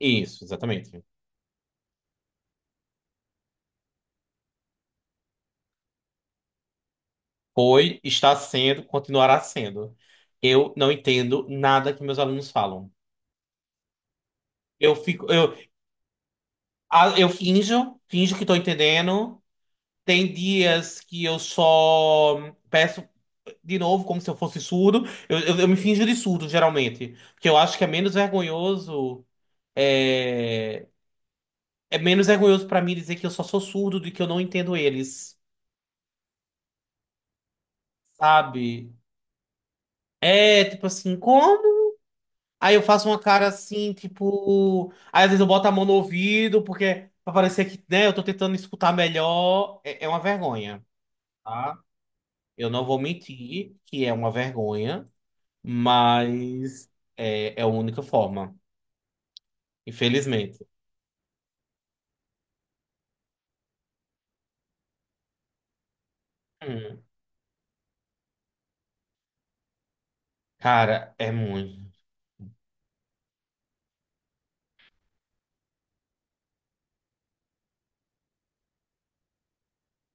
Isso, exatamente. Foi, está sendo, continuará sendo. Eu não entendo nada que meus alunos falam. Eu fico, ah, eu finjo que estou entendendo. Tem dias que eu só peço de novo, como se eu fosse surdo. Eu me finjo de surdo, geralmente. Porque eu acho que é menos vergonhoso. É, é menos vergonhoso para mim dizer que eu só sou surdo do que eu não entendo eles, sabe? É tipo assim, como? Aí eu faço uma cara assim, tipo. Aí às vezes eu boto a mão no ouvido, porque pra parecer que, né, eu tô tentando escutar melhor. É uma vergonha, tá? Eu não vou mentir que é uma vergonha, mas é a única forma, infelizmente. Hum. Cara, é muito.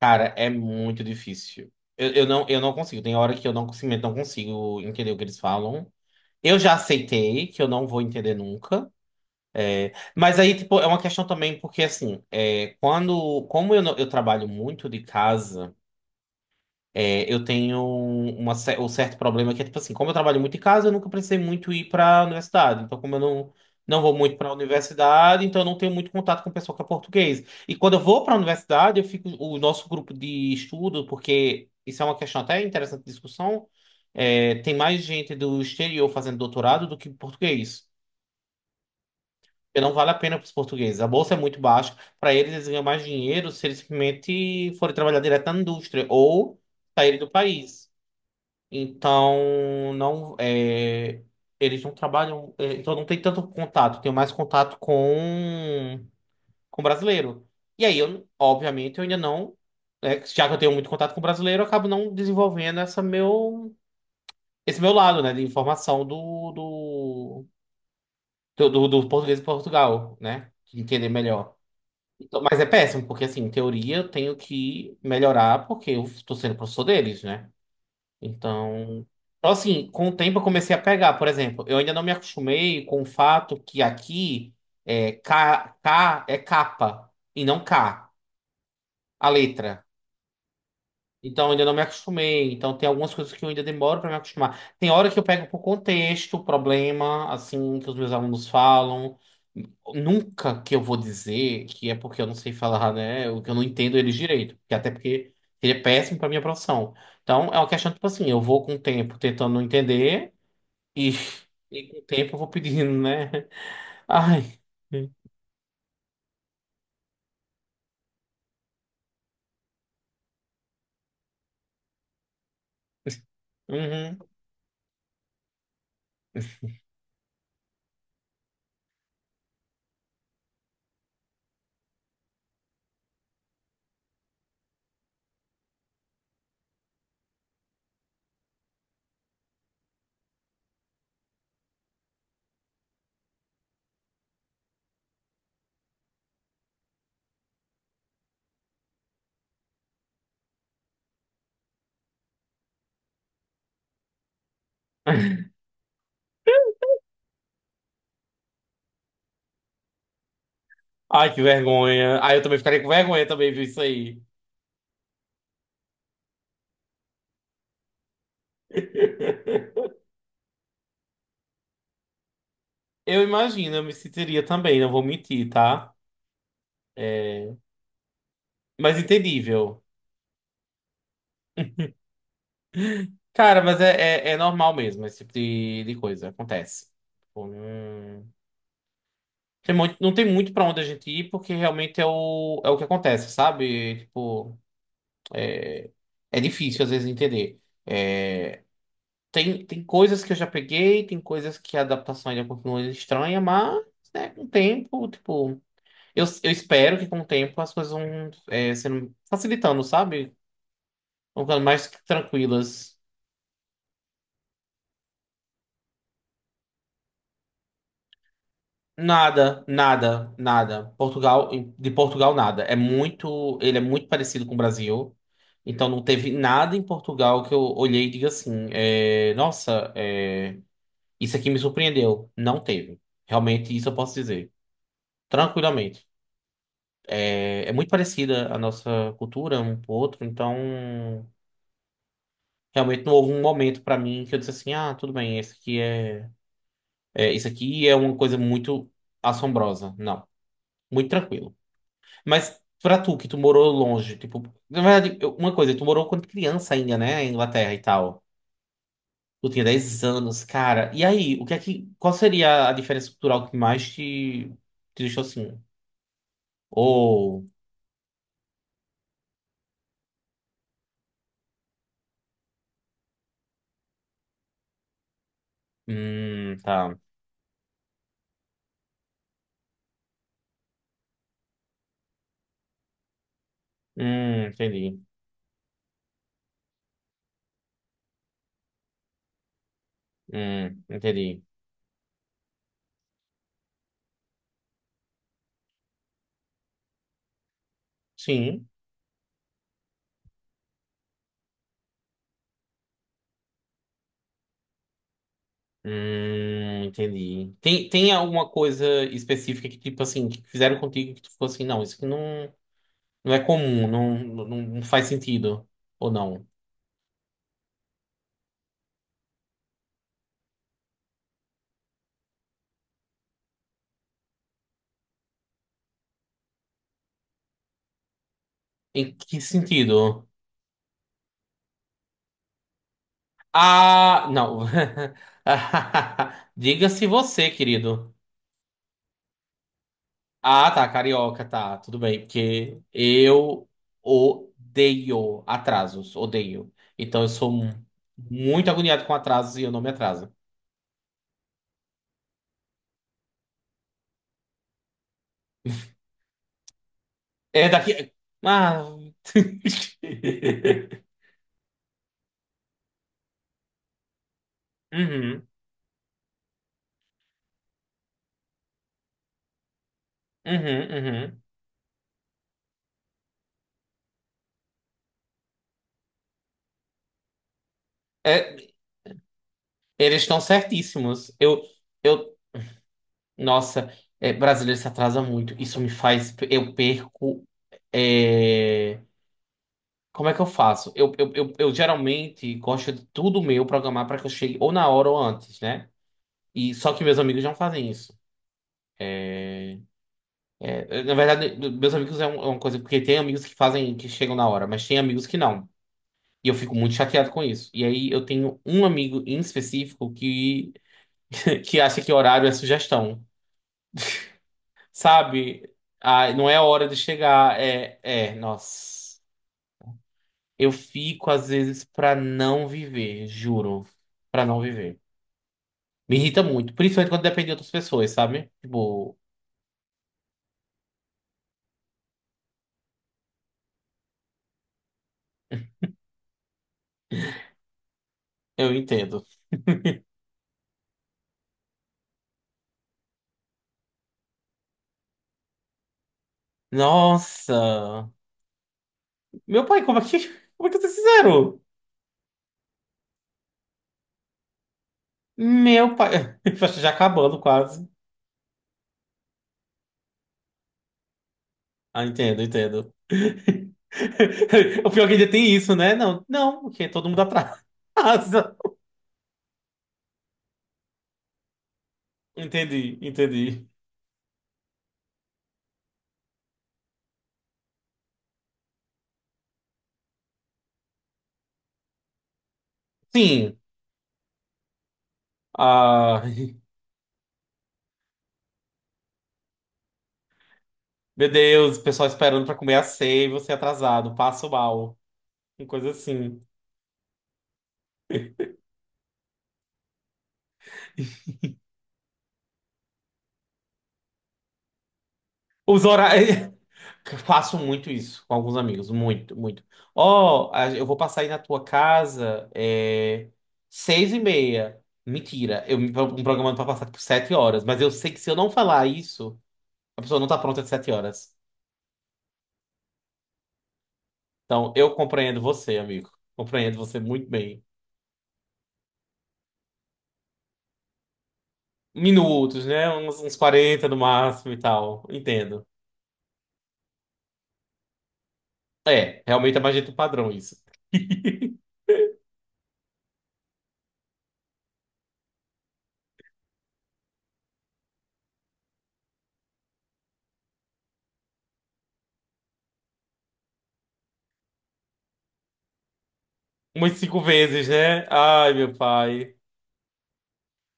Cara, é muito difícil. Eu não consigo. Tem hora que eu não consigo entender o que eles falam. Eu já aceitei que eu não vou entender nunca. Mas aí, tipo, é uma questão também, porque assim, é, quando, como eu, não- eu trabalho muito de casa, é, eu tenho um certo problema que é, tipo assim, como eu trabalho muito de casa, eu nunca precisei muito ir para a universidade. Então, como eu não, não vou muito para a universidade, então eu não tenho muito contato com o pessoal que é português. E quando eu vou para a universidade, eu fico, o nosso grupo de estudo, porque isso é uma questão até interessante de discussão, é, tem mais gente do exterior fazendo doutorado do que português. Porque não vale a pena para os portugueses. A bolsa é muito baixa. Para eles, eles ganham mais dinheiro se eles simplesmente forem trabalhar direto na indústria ou saírem do país. Então, não é, eles não trabalham. É, então, não tem tanto contato. Tenho mais contato com brasileiro. E aí, eu, obviamente, eu ainda não. Né, já que eu tenho muito contato com brasileiro, eu acabo não desenvolvendo esse meu lado, né, de informação do português de Portugal, né? De entender melhor. Então, mas é péssimo, porque assim, em teoria eu tenho que melhorar porque eu estou sendo professor deles, né? Então, então, assim, com o tempo eu comecei a pegar, por exemplo, eu ainda não me acostumei com o fato que aqui é K, K é capa e não K, a letra. Então, ainda não me acostumei. Então, tem algumas coisas que eu ainda demoro para me acostumar. Tem hora que eu pego por contexto, o problema, assim, que os meus alunos falam. Nunca que eu vou dizer que é porque eu não sei falar, né? O que eu não entendo eles direito. Que até porque seria péssimo para minha profissão. Então, é uma questão, tipo assim, eu vou com o tempo tentando entender e, e com o tempo eu vou pedindo, né? Ai. Uhum. Ai, que vergonha. Ai, eu também ficaria com vergonha também, viu isso aí. Eu imagino, eu me sentiria também, não vou mentir, tá? É... Mas entendível. Cara, mas é, é normal mesmo, esse tipo de coisa, acontece. Tipo, não... Tem muito, não tem muito pra onde a gente ir, porque realmente é o, é o que acontece, sabe? Tipo, é difícil às vezes entender. É... Tem coisas que eu já peguei, tem coisas que a adaptação ainda continua estranha, mas, né, com o tempo, tipo. Eu espero que com o tempo as coisas vão é, sendo facilitando, sabe? Vão ficando mais tranquilas. Nada, nada, nada. Portugal, de Portugal, nada. É muito, ele é muito parecido com o Brasil. Então não teve nada em Portugal que eu olhei e diga assim, é, nossa, é, isso aqui me surpreendeu. Não teve. Realmente isso eu posso dizer. Tranquilamente. É, é muito parecida a nossa cultura um pro outro, então realmente não houve um momento pra mim que eu disse assim, ah, tudo bem, esse aqui é, é isso aqui é uma coisa muito assombrosa. Não, muito tranquilo. Mas pra tu que tu morou longe, tipo, na verdade, uma coisa, tu morou quando criança ainda, né, em Inglaterra e tal. Tu tinha 10 anos, cara. E aí, o que é que qual seria a diferença cultural que mais te, te deixou assim? Ou, tá. Entendi. Entendi. Sim. Entendi. Tem alguma coisa específica que, tipo assim, que fizeram contigo que tu ficou assim, não, isso aqui não, não é comum, não, não, não faz sentido. Ou não? Em que sentido? Ah, não. Diga-se você, querido. Ah, tá, carioca, tá, tudo bem, porque eu odeio atrasos, odeio. Então eu sou muito agoniado com atrasos e eu não me atraso. É daqui. Ah. Uhum, uhum, uhum. É, eles estão certíssimos. Eu, nossa, é, brasileiro se atrasa muito. Isso me faz, eu perco. É, como é que eu faço? Eu geralmente gosto de tudo meu programar para que eu chegue ou na hora ou antes, né? E só que meus amigos não fazem isso. É, na verdade, meus amigos é um- é uma coisa, porque tem amigos que fazem, que chegam na hora, mas tem amigos que não. E eu fico muito chateado com isso. E aí eu tenho um amigo em específico que, que acha que horário é sugestão. Sabe? Ah, não é a hora de chegar. É, nossa. Eu fico, às vezes, pra não viver, juro. Pra não viver. Me irrita muito, principalmente quando depende de outras pessoas, sabe? Tipo, eu entendo. Nossa! Meu pai, como é que, como é que vocês fizeram? Meu pai. Já acabando quase. Ah, entendo, entendo. O pior é que ainda tem isso, né? Não, não, porque todo mundo atrasa. Entendi, entendi. Sim. Ah, meu Deus, o pessoal esperando pra comer a ceia e você atrasado, passo mal. Uma coisa assim. Os horários. Faço muito isso com alguns amigos, muito, muito. Ó, eu vou passar aí na tua casa, é, 6:30. Mentira, eu me programando pra passar tipo 7h, mas eu sei que se eu não falar isso, a pessoa não tá pronta de 7h. Então, eu compreendo você, amigo. Compreendo você muito bem. Minutos, né? Uns 40 no máximo e tal. Entendo. É, realmente é mais jeito padrão isso. Umas cinco vezes, né? Ai, meu pai.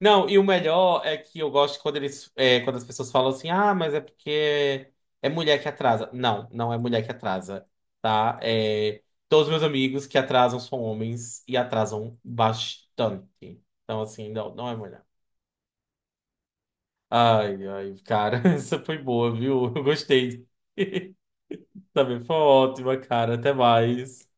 Não, e o melhor é que eu gosto quando eles, é, quando as pessoas falam assim, ah, mas é porque é mulher que atrasa. Não, não é mulher que atrasa, tá? É, todos os meus amigos que atrasam são homens e atrasam bastante. Então, assim, não, não é mulher. Ai, ai, cara, essa foi boa, viu? Eu gostei. Também foi ótima, cara. Até mais.